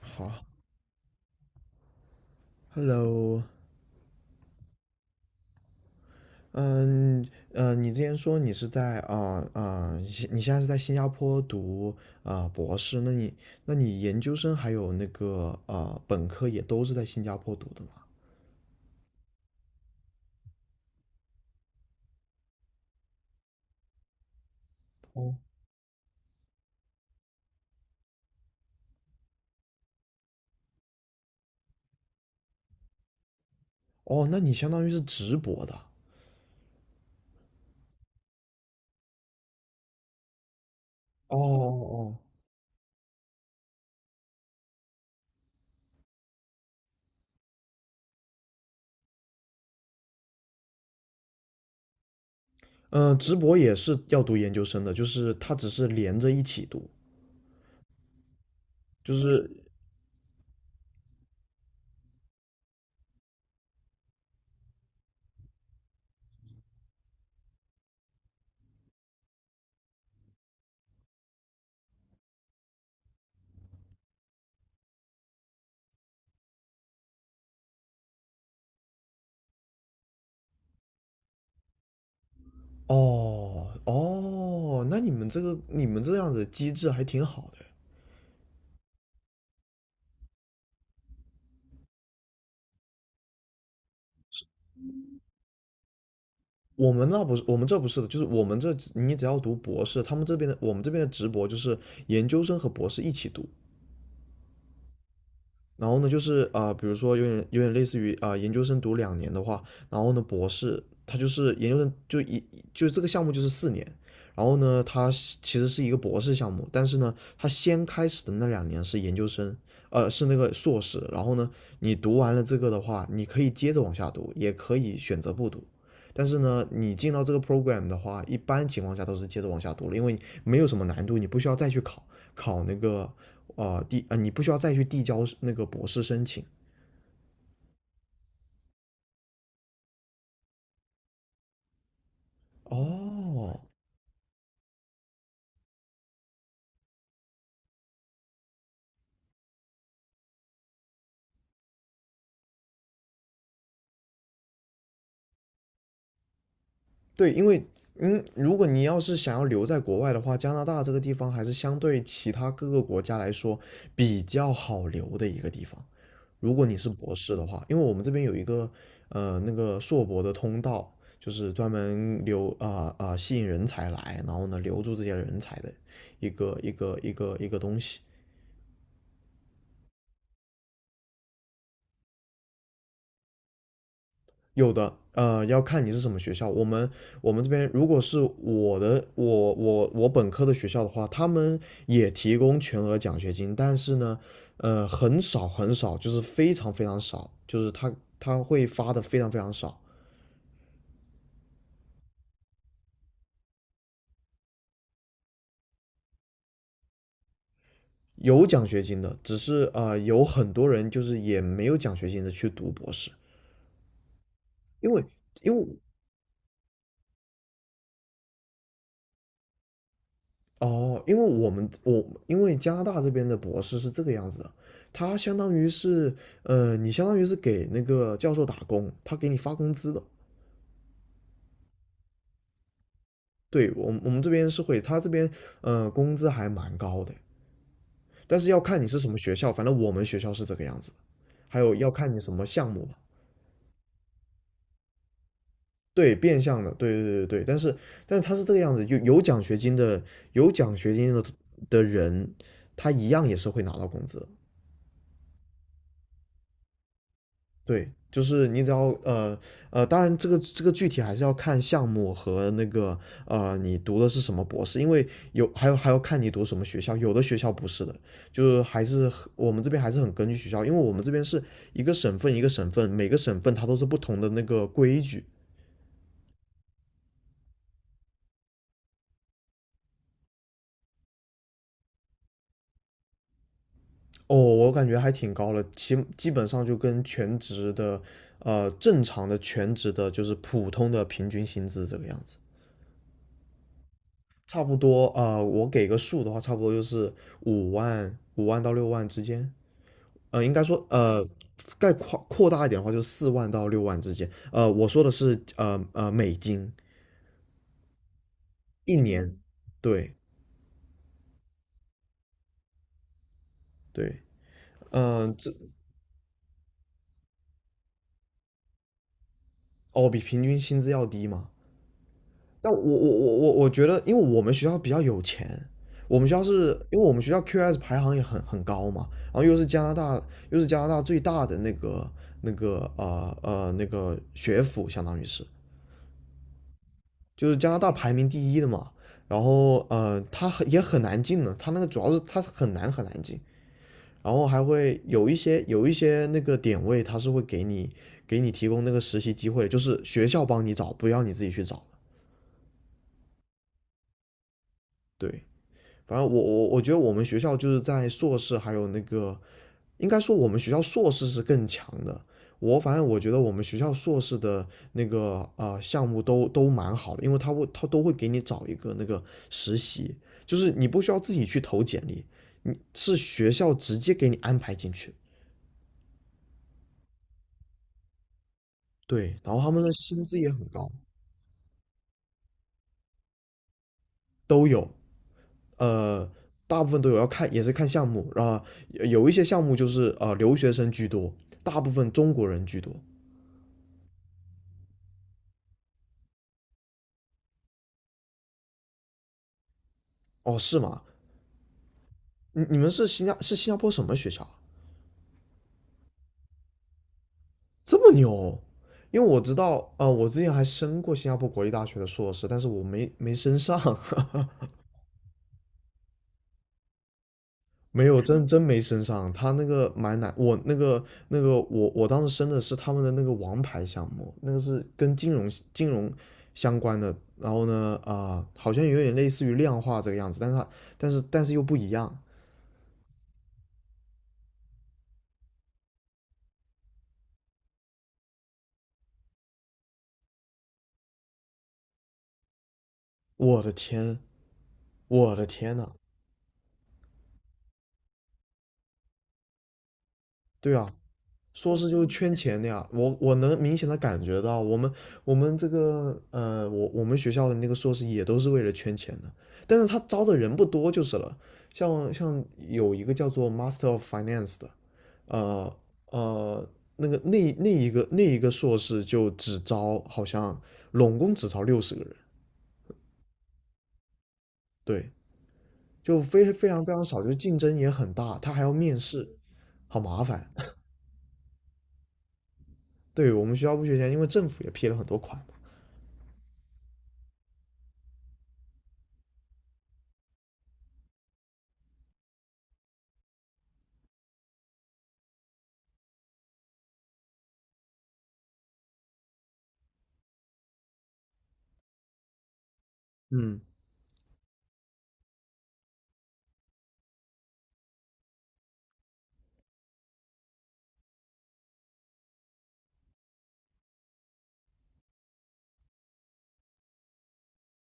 好，Hello，嗯。你之前说你是在你现在是在新加坡读博士，那你研究生还有那个本科也都是在新加坡读的吗？哦，那你相当于是直博的。哦哦，哦，嗯，直博也是要读研究生的，就是它只是连着一起读，就是。哦哦，那你们这样子机制还挺好的。我们这不是的，就是我们这你只要读博士，他们这边的我们这边的直博就是研究生和博士一起读，然后呢，就是比如说有点类似于研究生读两年的话，然后呢，博士他就是研究生就一就这个项目就是4年。然后呢，他其实是一个博士项目，但是呢，他先开始的那2年是研究生，是那个硕士。然后呢，你读完了这个的话，你可以接着往下读，也可以选择不读。但是呢，你进到这个 program 的话，一般情况下都是接着往下读了，因为没有什么难度，你不需要再去考考那个啊，递啊，你不需要再去递交那个博士申请。哦，对，因为如果你要是想要留在国外的话，加拿大这个地方还是相对其他各个国家来说比较好留的一个地方。如果你是博士的话，因为我们这边有一个那个硕博的通道，就是专门留啊啊、呃呃吸引人才来，然后呢留住这些人才的一个东西。有的，要看你是什么学校。我们这边如果是我本科的学校的话，他们也提供全额奖学金，但是呢，很少很少，就是非常非常少，就是他会发的非常非常少。有奖学金的，只是有很多人就是也没有奖学金的去读博士。因为因为哦，因为我们我因为加拿大这边的博士是这个样子的，他相当于是，你相当于是给那个教授打工，他给你发工资的。对，我们这边是会，他这边呃工资还蛮高的，但是要看你是什么学校，反正我们学校是这个样子的。还有要看你什么项目吧。对，变相的，对对对对，但是他是这个样子，有奖学金的，有奖学金的的人，他一样也是会拿到工资的。对，就是你当然这个具体还是要看项目和那个你读的是什么博士，因为有还有还要看你读什么学校，有的学校不是的，就是还是很我们这边还是很根据学校，因为我们这边是一个省份一个省份，每个省份它都是不同的那个规矩。哦，我感觉还挺高了，基本上就跟全职的呃正常的全职的就是普通的平均薪资这个样子。差不多，我给个数的话，差不多就是五万到六万之间，应该说，概括扩大一点的话，就是4万到六万之间，我说的是，美金一年，对对。嗯、这哦比平均薪资要低嘛。但我觉得，因为我们学校比较有钱，我们学校是因为我们学校 QS 排行也很高嘛，然后又是加拿大最大的那个学府，相当于是。就是加拿大排名第一的嘛。然后也很难进呢，他那个主要是他很难很难进，然后还会有一些那个点位，他是会给你提供那个实习机会，就是学校帮你找，不要你自己去找的。对，反正我觉得我们学校就是在硕士还有那个，应该说我们学校硕士是更强的。我反正我觉得我们学校硕士的那个项目都蛮好的，因为他都会给你找一个那个实习，就是你不需要自己去投简历，你是学校直接给你安排进去。对，然后他们的薪资也很高。都有，呃，大部分都有，要看也是看项目啊，有一些项目就是留学生居多，大部分中国人居多。哦，是吗？你们是新加坡什么学校啊，这么牛？因为我知道，我之前还申过新加坡国立大学的硕士，但是我没申上，没有真没申上。他那个买难，我当时申的是他们的那个王牌项目，那个是跟金融相关的。然后呢，好像有点类似于量化这个样子，但是但是又不一样。我的天，我的天呐！对啊，硕士就是圈钱的呀，我能明显的感觉到，我们我们学校的那个硕士也都是为了圈钱的，但是他招的人不多就是了。像有一个叫做 Master of Finance 的。呃呃，那一个硕士就只招好像拢共只招60个人，对，就非常非常少，就竞争也很大，他还要面试，好麻烦。对，我们学校不缺钱，因为政府也批了很多款嘛。嗯，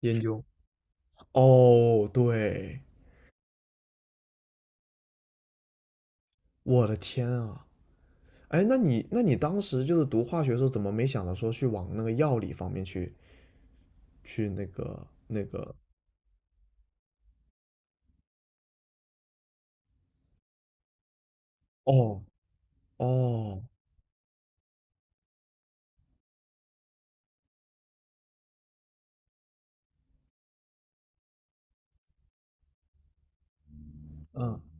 研究。哦，对，我的天啊！哎，那你当时就是读化学的时候，怎么没想到说去往那个药理方面去那个？哦哦，嗯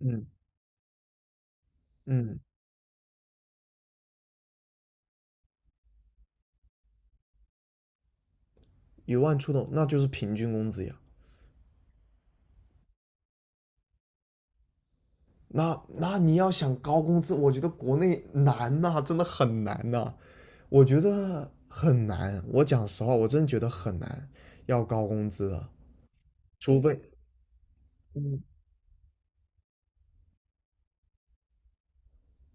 嗯嗯，一万出头，那就是平均工资呀。那你要想高工资，我觉得国内难呐，真的很难呐，我觉得很难。我讲实话，我真觉得很难要高工资的，除非。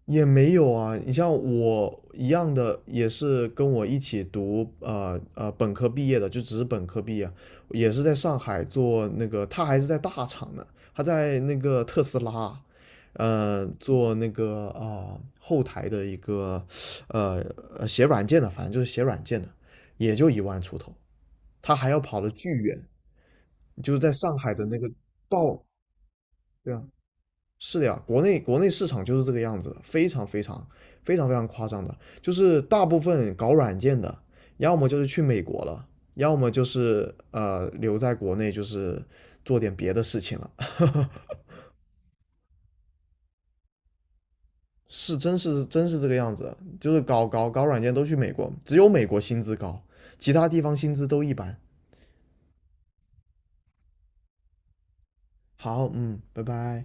也没有啊，你像我一样的，也是跟我一起读本科毕业的，就只是本科毕业，也是在上海做那个，他还是在大厂呢，他在那个特斯拉，做那个后台的一个呃写软件的，反正就是写软件的，也就一万出头，他还要跑得巨远，就是在上海的那个报。对啊，是的呀，国内市场就是这个样子，非常非常非常非常夸张的。就是大部分搞软件的，要么就是去美国了，要么就是留在国内，就是做点别的事情了。是，真是真是这个样子，就是搞软件都去美国，只有美国薪资高，其他地方薪资都一般。好，嗯，拜拜。